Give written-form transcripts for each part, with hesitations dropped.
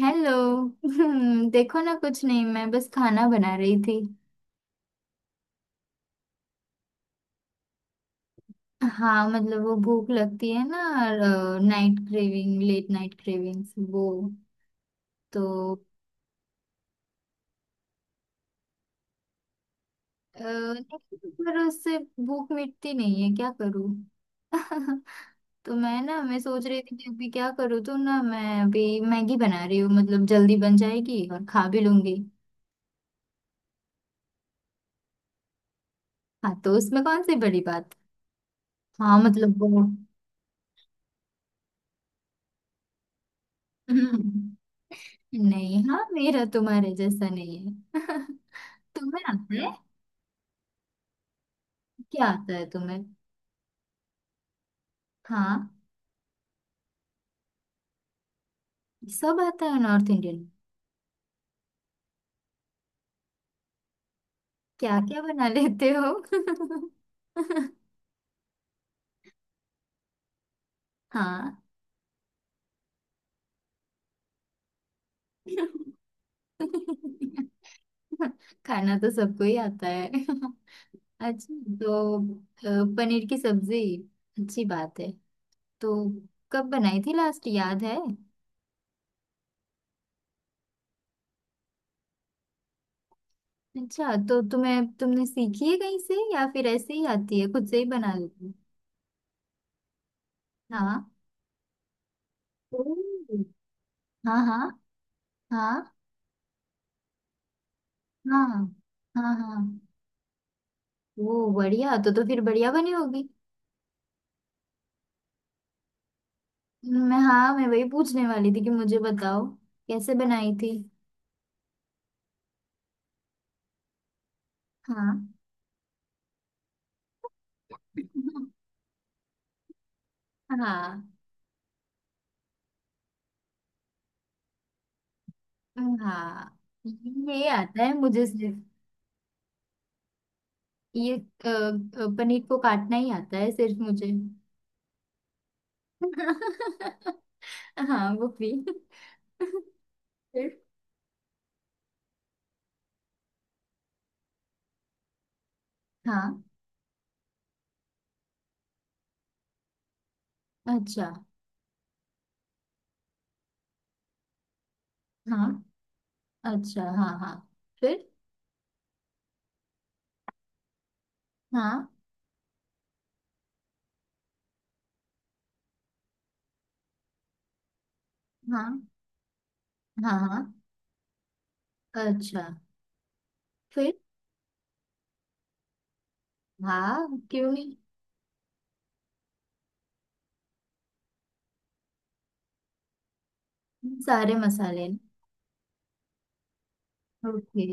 Hello. देखो ना, कुछ नहीं, मैं बस खाना बना रही थी। हाँ, मतलब वो भूख लगती है ना। Night craving, late night cravings, वो तो। नहीं, पर उससे भूख मिटती नहीं है, क्या करूँ। तो मैं सोच रही थी कि अभी क्या करूँ, तो ना मैं अभी मैगी बना रही हूँ, मतलब जल्दी बन जाएगी और खा भी लूंगी। हाँ, तो उसमें कौन सी बड़ी बात। हाँ, मतलब वो। नहीं, हाँ, मेरा तुम्हारे जैसा नहीं है। तुम्हें आता है? क्या आता है तुम्हें? हाँ, सब आता है नॉर्थ इंडियन। क्या क्या बना लेते हो? हाँ। खाना तो सबको ही आता है। अच्छा। तो पनीर की सब्जी, अच्छी बात है। तो कब बनाई थी लास्ट, याद है? अच्छा, तो तुम्हें तुमने सीखी है कहीं से, या फिर ऐसे ही आती है, खुद से ही बना लेती हो? हाँ। ओह, हाँ हाँ। हाँ हाँ हाँ हाँ। वो बढ़िया, तो फिर बढ़िया बनी होगी। मैं, हाँ, मैं वही पूछने वाली थी कि मुझे बताओ कैसे बनाई थी। हाँ हाँ हाँ हाँ, ये आता है मुझे सिर्फ। ये पनीर को काटना ही आता है सिर्फ मुझे। हाँ, वो भी। फिर, हाँ, अच्छा, हाँ, अच्छा, हाँ हाँ, फिर, हाँ हाँ हाँ हाँ, अच्छा, फिर, हाँ, क्यों नहीं, सारे मसाले। ओके,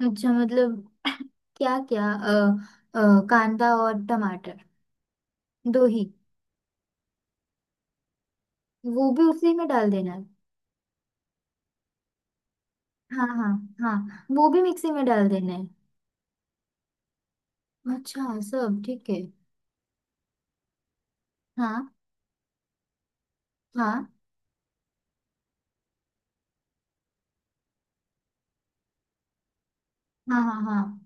अच्छा, मतलब क्या क्या, कांदा और टमाटर, दो ही, वो भी उसी में डाल देना है। हाँ हाँ हाँ, वो भी मिक्सी में डाल देना है। अच्छा, सब ठीक है। हाँ हाँ हाँ हाँ हाँ,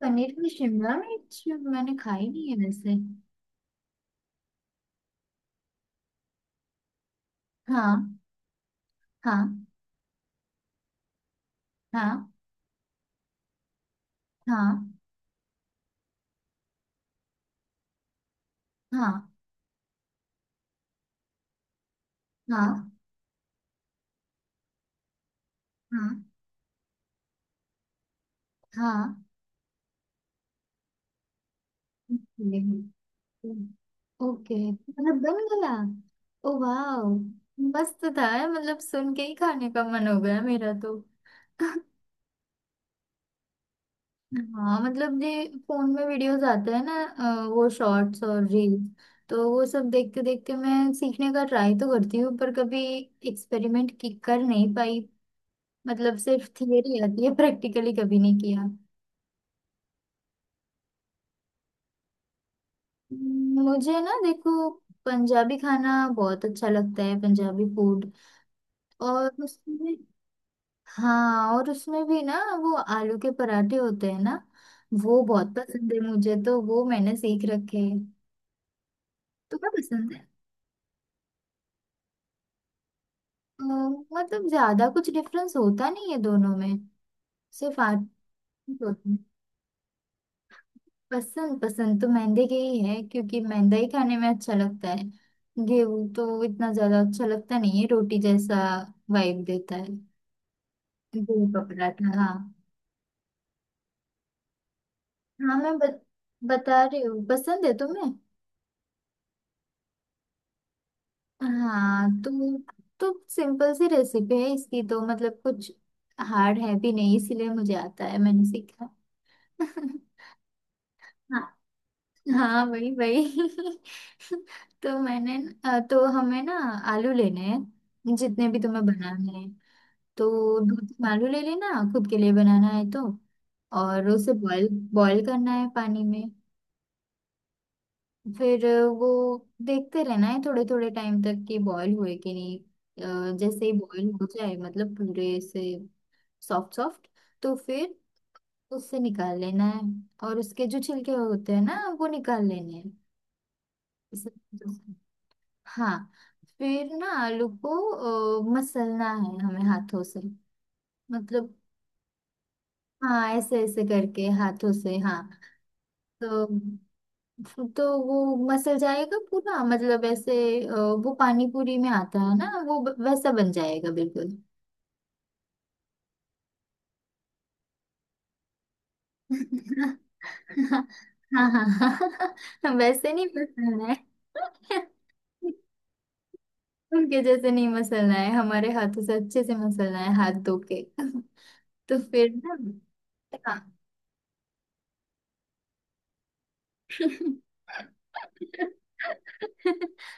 पनीर में शिमला मिर्च मैंने खाई नहीं है वैसे। हाँ हाँ हाँ हाँ हाँ हाँ हाँ हाँ हाँ, ओके, मतलब बन गया। ओ वाह। मस्त था यार, मतलब सुन के ही खाने का मन हो गया मेरा तो। हाँ, मतलब ये फोन में वीडियोस आते हैं ना, वो शॉर्ट्स और रील्स, तो वो सब देखते देखते मैं सीखने का ट्राई तो करती हूँ, पर कभी एक्सपेरिमेंट की कर नहीं पाई। मतलब सिर्फ थियरी आती है, प्रैक्टिकली कभी नहीं किया। मुझे ना, देखो, पंजाबी खाना बहुत अच्छा लगता है, पंजाबी फूड, और उसमें। हाँ, और उसमें भी ना वो आलू के पराठे होते हैं ना, वो बहुत पसंद है मुझे, तो वो मैंने सीख रखे हैं। तुम्हें पसंद है? मतलब ज्यादा कुछ डिफरेंस होता नहीं है दोनों में, सिर्फ आटे में होता है। पसंद, पसंद तो मैदे के ही है, क्योंकि मैदा ही खाने में अच्छा लगता है। गेहूं तो इतना ज्यादा अच्छा लगता नहीं है, रोटी जैसा वाइब देता है। गेहूं का पराठा, हाँ। हाँ, मैं बता रही हूँ। पसंद है तुम्हें? हाँ, तो सिंपल सी रेसिपी है इसकी, तो मतलब कुछ हार्ड है भी नहीं, इसलिए मुझे आता है, मैंने सीखा। हाँ हाँ, वही वही। तो मैंने तो हमें ना आलू लेने हैं, जितने भी तुम्हें बनाने हैं। तो दो तीन आलू ले लेना, खुद के लिए बनाना है तो, और उसे बॉईल बॉईल करना है पानी में। फिर वो देखते रहना है थोड़े थोड़े टाइम तक कि बॉयल हुए कि नहीं। जैसे ही बॉयल हो जाए, मतलब पूरे से सॉफ्ट सॉफ्ट, तो फिर उससे निकाल लेना है, और उसके जो छिलके होते हैं ना, वो निकाल लेने हैं। इस- हाँ, फिर ना आलू को मसलना है हमें हाथों से, मतलब। हाँ, ऐसे ऐसे करके हाथों से, हाँ। तो तो वो मसल जाएगा पूरा, मतलब ऐसे, अ, वो पानी पूरी में आता है ना वो, वैसा बन जाएगा बिल्कुल। हाँ हाँ हाँ, वैसे नहीं मसलना है, उनके जैसे नहीं मसलना है, हमारे हाथों से अच्छे से मसलना है, हाथ धो के। तो फिर ना, हाँ।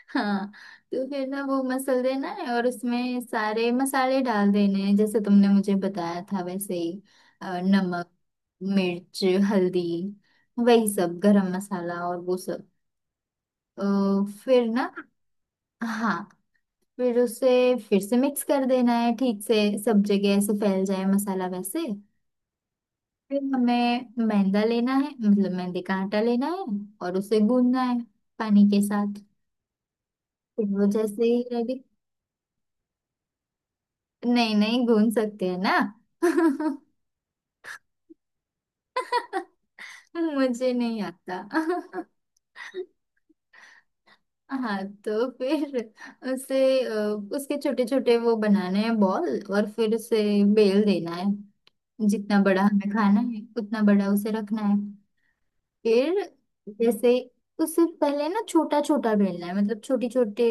हाँ, तो फिर ना वो मसल देना है, और उसमें सारे मसाले डाल देने हैं जैसे तुमने मुझे बताया था वैसे ही, नमक, मिर्च, हल्दी, वही सब, गरम मसाला और वो सब, अ, फिर ना, हाँ, फिर उसे फिर से मिक्स कर देना है ठीक से, सब जगह ऐसे फैल जाए मसाला वैसे। फिर हमें मैदा लेना है, मतलब मैदे का आटा लेना है, और उसे गूंदना है पानी के साथ, वो जैसे ही लगे। नहीं नहीं, घूम सकते हैं ना। मुझे नहीं आता। हाँ, तो फिर उसे अ, उसके छोटे छोटे वो बनाने हैं बॉल, और फिर उसे बेल देना है, जितना बड़ा हमें खाना है उतना बड़ा उसे रखना है। फिर जैसे, उसे पहले ना छोटा छोटा बेलना है, मतलब छोटी छोटे।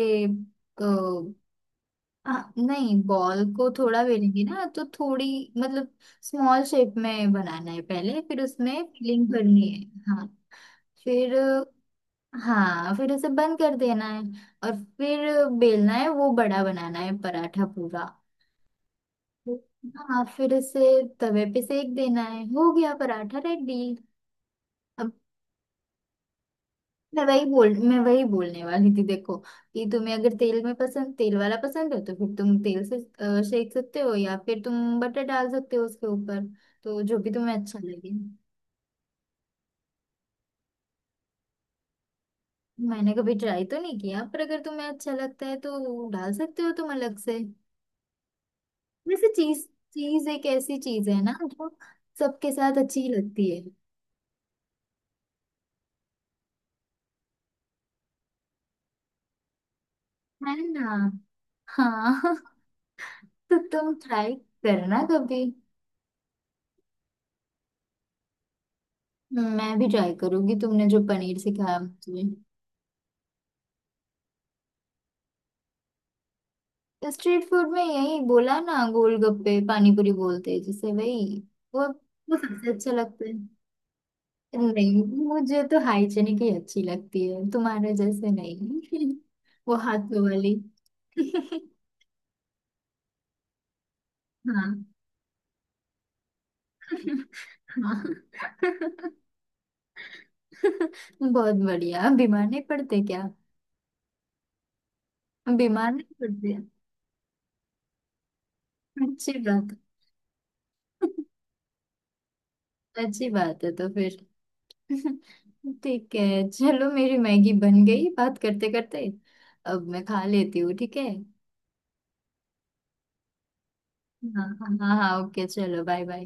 हाँ नहीं, बॉल को थोड़ा बेलेंगे ना तो थोड़ी, मतलब स्मॉल शेप में बनाना है पहले, फिर उसमें फिलिंग भरनी है। हाँ, फिर, हाँ, फिर उसे बंद कर देना है और फिर बेलना है, वो बड़ा बनाना है पराठा पूरा। हाँ, फिर उसे तवे पे सेक देना है, हो गया पराठा रेडी। मैं वही बोलने वाली थी, देखो कि तुम्हें अगर तेल वाला पसंद है, तो फिर तुम तेल से सेक सकते हो, या फिर तुम बटर डाल सकते हो उसके ऊपर, तो जो भी तुम्हें अच्छा लगे। मैंने कभी ट्राई तो नहीं किया, पर अगर तुम्हें अच्छा लगता है तो डाल सकते हो तुम अलग से। वैसे चीज चीज एक ऐसी चीज है ना जो सबके साथ अच्छी लगती है। है ना? हाँ। तो तुम ट्राई करना कभी, मैं भी ट्राई करूंगी तुमने जो पनीर सिखाया मुझे। स्ट्रीट फूड में यही बोला ना, गोलगप्पे, पानीपुरी बोलते हैं जिसे, वही वो वो सबसे अच्छा लगता है। नहीं, मुझे तो हाइजीनिक ही अच्छी लगती है, तुम्हारे जैसे नहीं। वो हाथों वाली। हाँ हाँ। बहुत बढ़िया, बीमार नहीं पड़ते क्या? बीमार नहीं पड़ते? अच्छी बात। अच्छी बात है, तो फिर ठीक है, चलो। मेरी मैगी बन गई बात करते करते, अब मैं खा लेती हूँ, ठीक है? हाँ हाँ हाँ, ओके, चलो, बाय बाय।